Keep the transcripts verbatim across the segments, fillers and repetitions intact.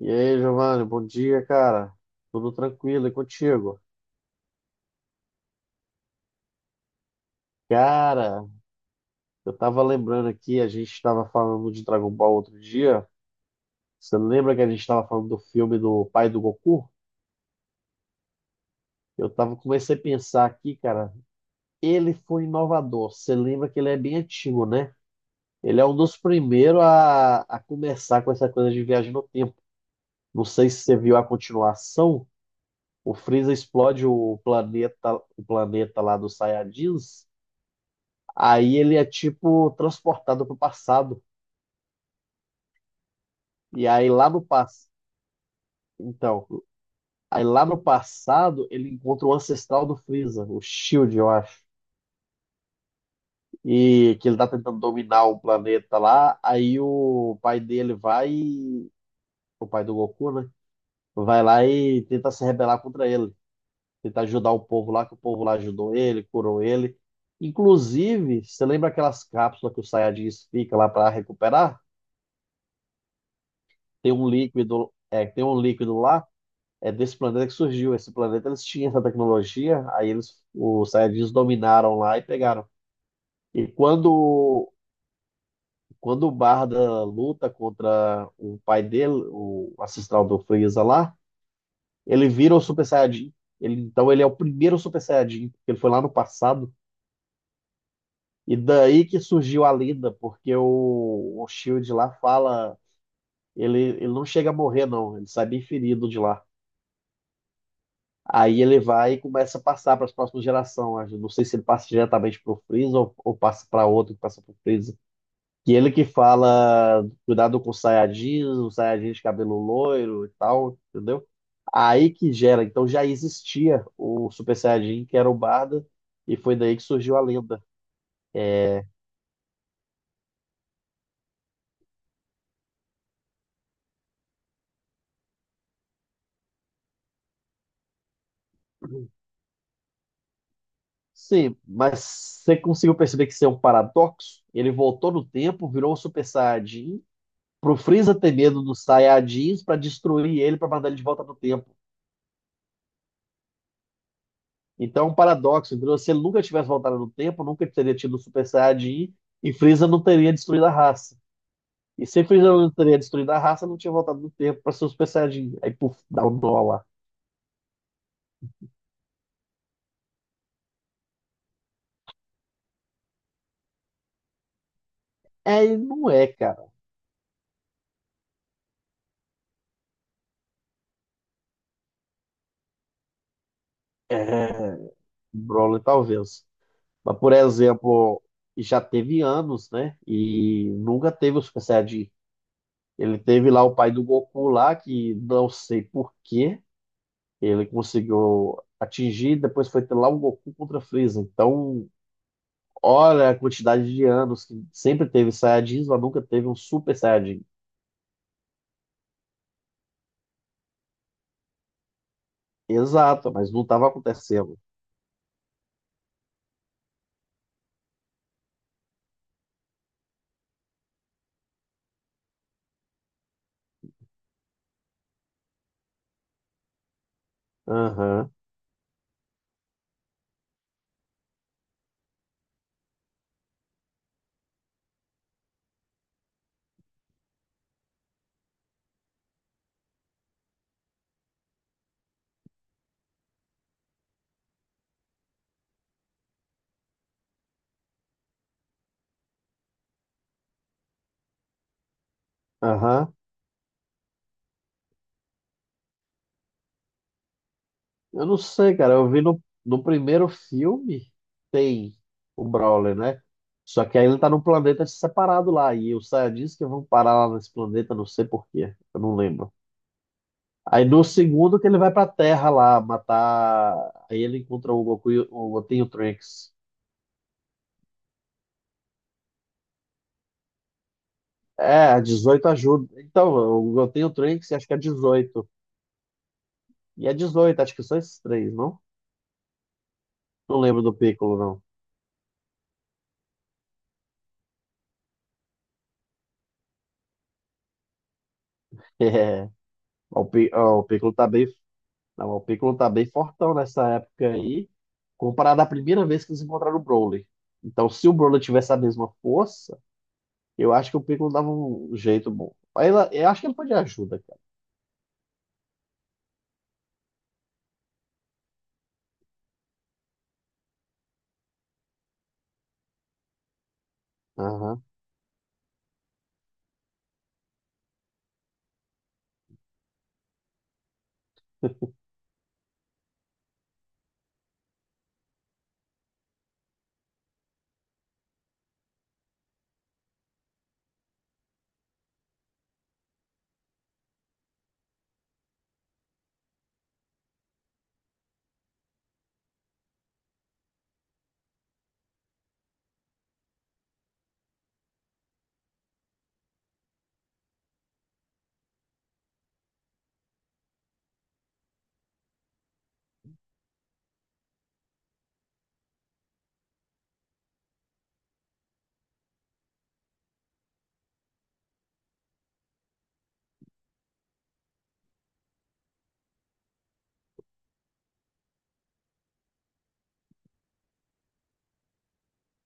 E aí, Giovanni, bom dia, cara. Tudo tranquilo e contigo? Cara, eu tava lembrando aqui, a gente tava falando de Dragon Ball outro dia. Você lembra que a gente tava falando do filme do pai do Goku? Eu tava, comecei a pensar aqui, cara, ele foi inovador. Você lembra que ele é bem antigo, né? Ele é um dos primeiros a, a começar com essa coisa de viagem no tempo. Não sei se você viu a continuação. O Freeza explode o planeta, o planeta lá dos Saiyajins. Aí ele é tipo transportado para o passado. E aí lá no passado. Então, aí lá no passado ele encontra o ancestral do Freeza, o Shield, eu acho. E que ele tá tentando dominar o planeta lá. Aí o pai dele vai. e- O pai do Goku, né? Vai lá e tenta se rebelar contra ele. Tentar ajudar o povo lá, que o povo lá ajudou ele, curou ele. Inclusive, você lembra aquelas cápsulas que o Saiyajins fica lá para recuperar? Tem um líquido, é, tem um líquido lá é desse planeta que surgiu. Esse planeta eles tinham essa tecnologia, aí eles, os Saiyajins dominaram lá e pegaram. E quando, quando o Barda luta contra o pai dele, o ancestral do Freeza lá, ele vira o Super Saiyajin. Ele, então ele é o primeiro Super Saiyajin, porque ele foi lá no passado. E daí que surgiu a lenda, porque o, o Shield lá fala. Ele, ele não chega a morrer, não. Ele sai bem ferido de lá. Aí ele vai e começa a passar para as próximas gerações. Eu não sei se ele passa diretamente para o Freeza ou, ou passa para outro que passa para o Freeza. E ele que fala, cuidado com os Saiyajins, os Saiyajins de cabelo loiro e tal, entendeu? Aí que gera. Então já existia o Super Saiyajin, que era o Barda, e foi daí que surgiu a lenda. Sim, mas você conseguiu perceber que isso é um paradoxo? Ele voltou no tempo, virou o Super Saiyajin, pro Freeza ter medo dos Saiyajins para destruir ele, para mandar ele de volta no tempo. Então, é um paradoxo. Entendeu? Se ele nunca tivesse voltado no tempo, nunca teria tido o Super Saiyajin e Freeza não teria destruído a raça. E se Freeza não teria destruído a raça, não tinha voltado no tempo para ser o Super Saiyajin. Aí, puf, dá um nó lá. É, e não é, cara. É, Broly talvez. Mas, por exemplo, já teve anos, né? E nunca teve o Super Saiyajin. Ele teve lá o pai do Goku lá, que não sei por quê, ele conseguiu atingir, depois foi ter lá o Goku contra Freeza. Então, olha a quantidade de anos que sempre teve Saiyajins, mas nunca teve um Super Saiyajin. Exato, mas não estava acontecendo. Aham, aham. Eu não sei, cara. Eu vi no, no primeiro filme, tem o Brawler, né? Só que aí ele tá num planeta separado lá. E os Saiyajins que vão parar lá nesse planeta, não sei por quê. Eu não lembro. Aí no segundo que ele vai pra Terra lá matar. Aí ele encontra o Goku, e o Goten e o Trunks. É, a dezoito ajuda. Então, eu, eu tenho o Trunks e acho que é dezoito. E é dezoito, acho que são esses três, não? Não lembro do Piccolo, não. É, o, Pi- ó, o Piccolo tá bem, não, o Piccolo tá bem fortão nessa época aí, comparado à primeira vez que eles encontraram o Broly. Então, se o Broly tivesse a mesma força, eu acho que o Piccolo dava um jeito bom. Aí, ela- eu acho que ele pode ajuda, cara. Aham.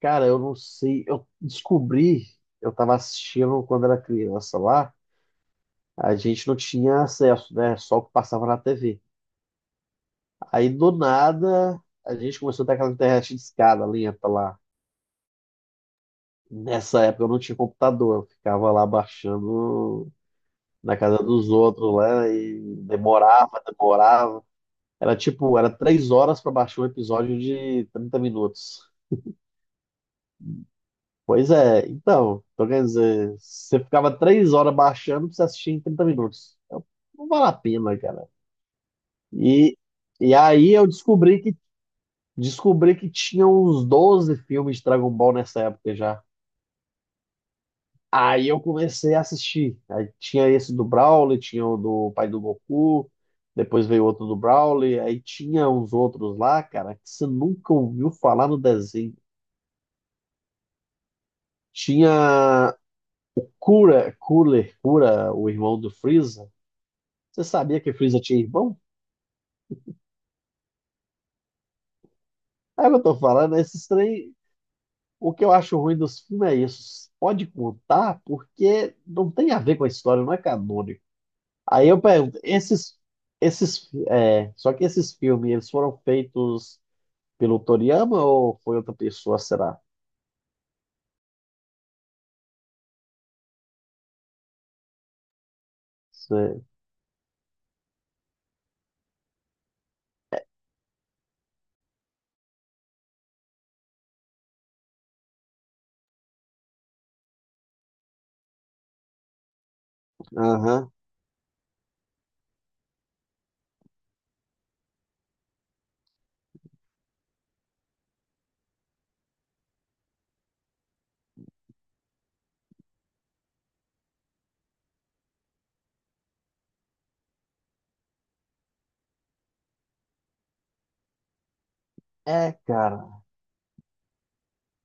Cara, eu não sei. Eu descobri, eu tava assistindo quando era criança lá. A gente não tinha acesso, né? Só o que passava na tê vê. Aí do nada a gente começou a ter aquela internet de escada lenta lá. Nessa época eu não tinha computador, eu ficava lá baixando na casa dos outros lá e demorava, demorava. Era tipo, era três horas para baixar um episódio de trinta minutos. Pois é, então, então quer dizer, você ficava três horas baixando pra você assistir em trinta minutos. Então, não vale a pena, cara. E, e aí eu descobri descobri que tinha uns doze filmes de Dragon Ball nessa época já. Aí eu comecei a assistir. Aí tinha esse do Broly, tinha o do pai do Goku, depois veio outro do Broly, aí tinha uns outros lá, cara, que você nunca ouviu falar no desenho. Tinha Cura, Cooler, Cura, o irmão do Freeza. Você sabia que Freeza tinha irmão? É o que eu tô falando, esses três. O que eu acho ruim dos filmes é isso. Pode contar porque não tem a ver com a história, não é canônico. Aí eu pergunto, esses, esses, é, só que esses filmes, eles foram feitos pelo Toriyama ou foi outra pessoa, será? Sei. Aham. É, cara.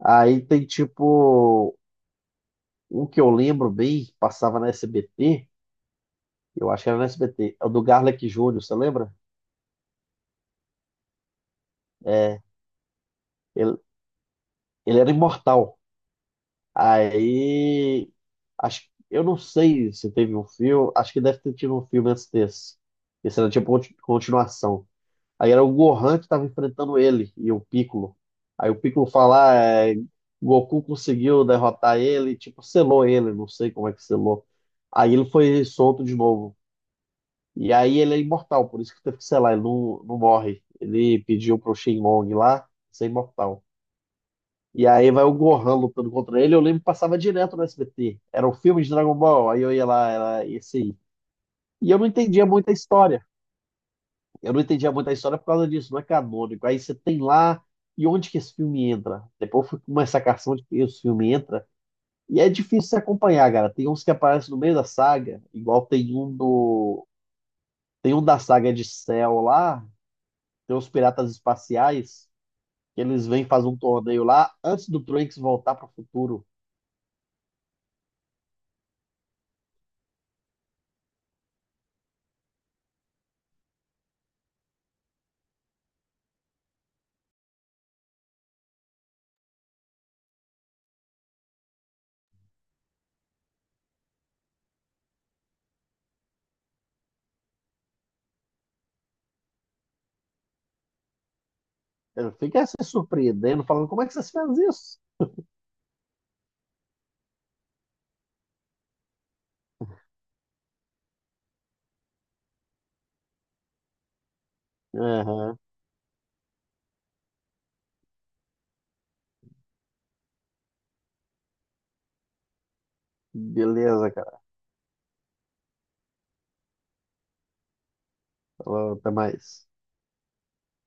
Aí tem tipo, um que eu lembro bem, que passava na S B T, eu acho que era na S B T, é o do Garlic Júnior, você lembra? É, ele, ele era imortal. Aí, acho, eu não sei se teve um filme, acho que deve ter tido um filme antes desse. Esse era tipo conti- continuação. Aí era o Gohan que estava enfrentando ele e o Piccolo. Aí o Piccolo fala, ah, é, Goku conseguiu derrotar ele, tipo, selou ele, não sei como é que selou. Aí ele foi solto de novo. E aí ele é imortal, por isso que teve que selar, ele não, não morre. Ele pediu pro Shenlong lá ser imortal. E aí vai o Gohan lutando contra ele, eu lembro que passava direto no S B T. Era um filme de Dragon Ball, aí eu ia lá, era esse aí. E eu não entendia muito a história. Eu não entendia muito a história por causa disso, não é canônico. Aí você tem lá, e onde que esse filme entra? Depois eu fui com uma sacação de que esse filme entra. E é difícil se acompanhar, cara. Tem uns que aparecem no meio da saga, igual tem um do. Tem um da saga de Cell lá, tem os piratas espaciais, que eles vêm fazer um torneio lá antes do Trunks voltar para o futuro. Ele fica se surpreendendo, falando, como é que vocês fazem isso? Aham, beleza, cara. Falou, até mais.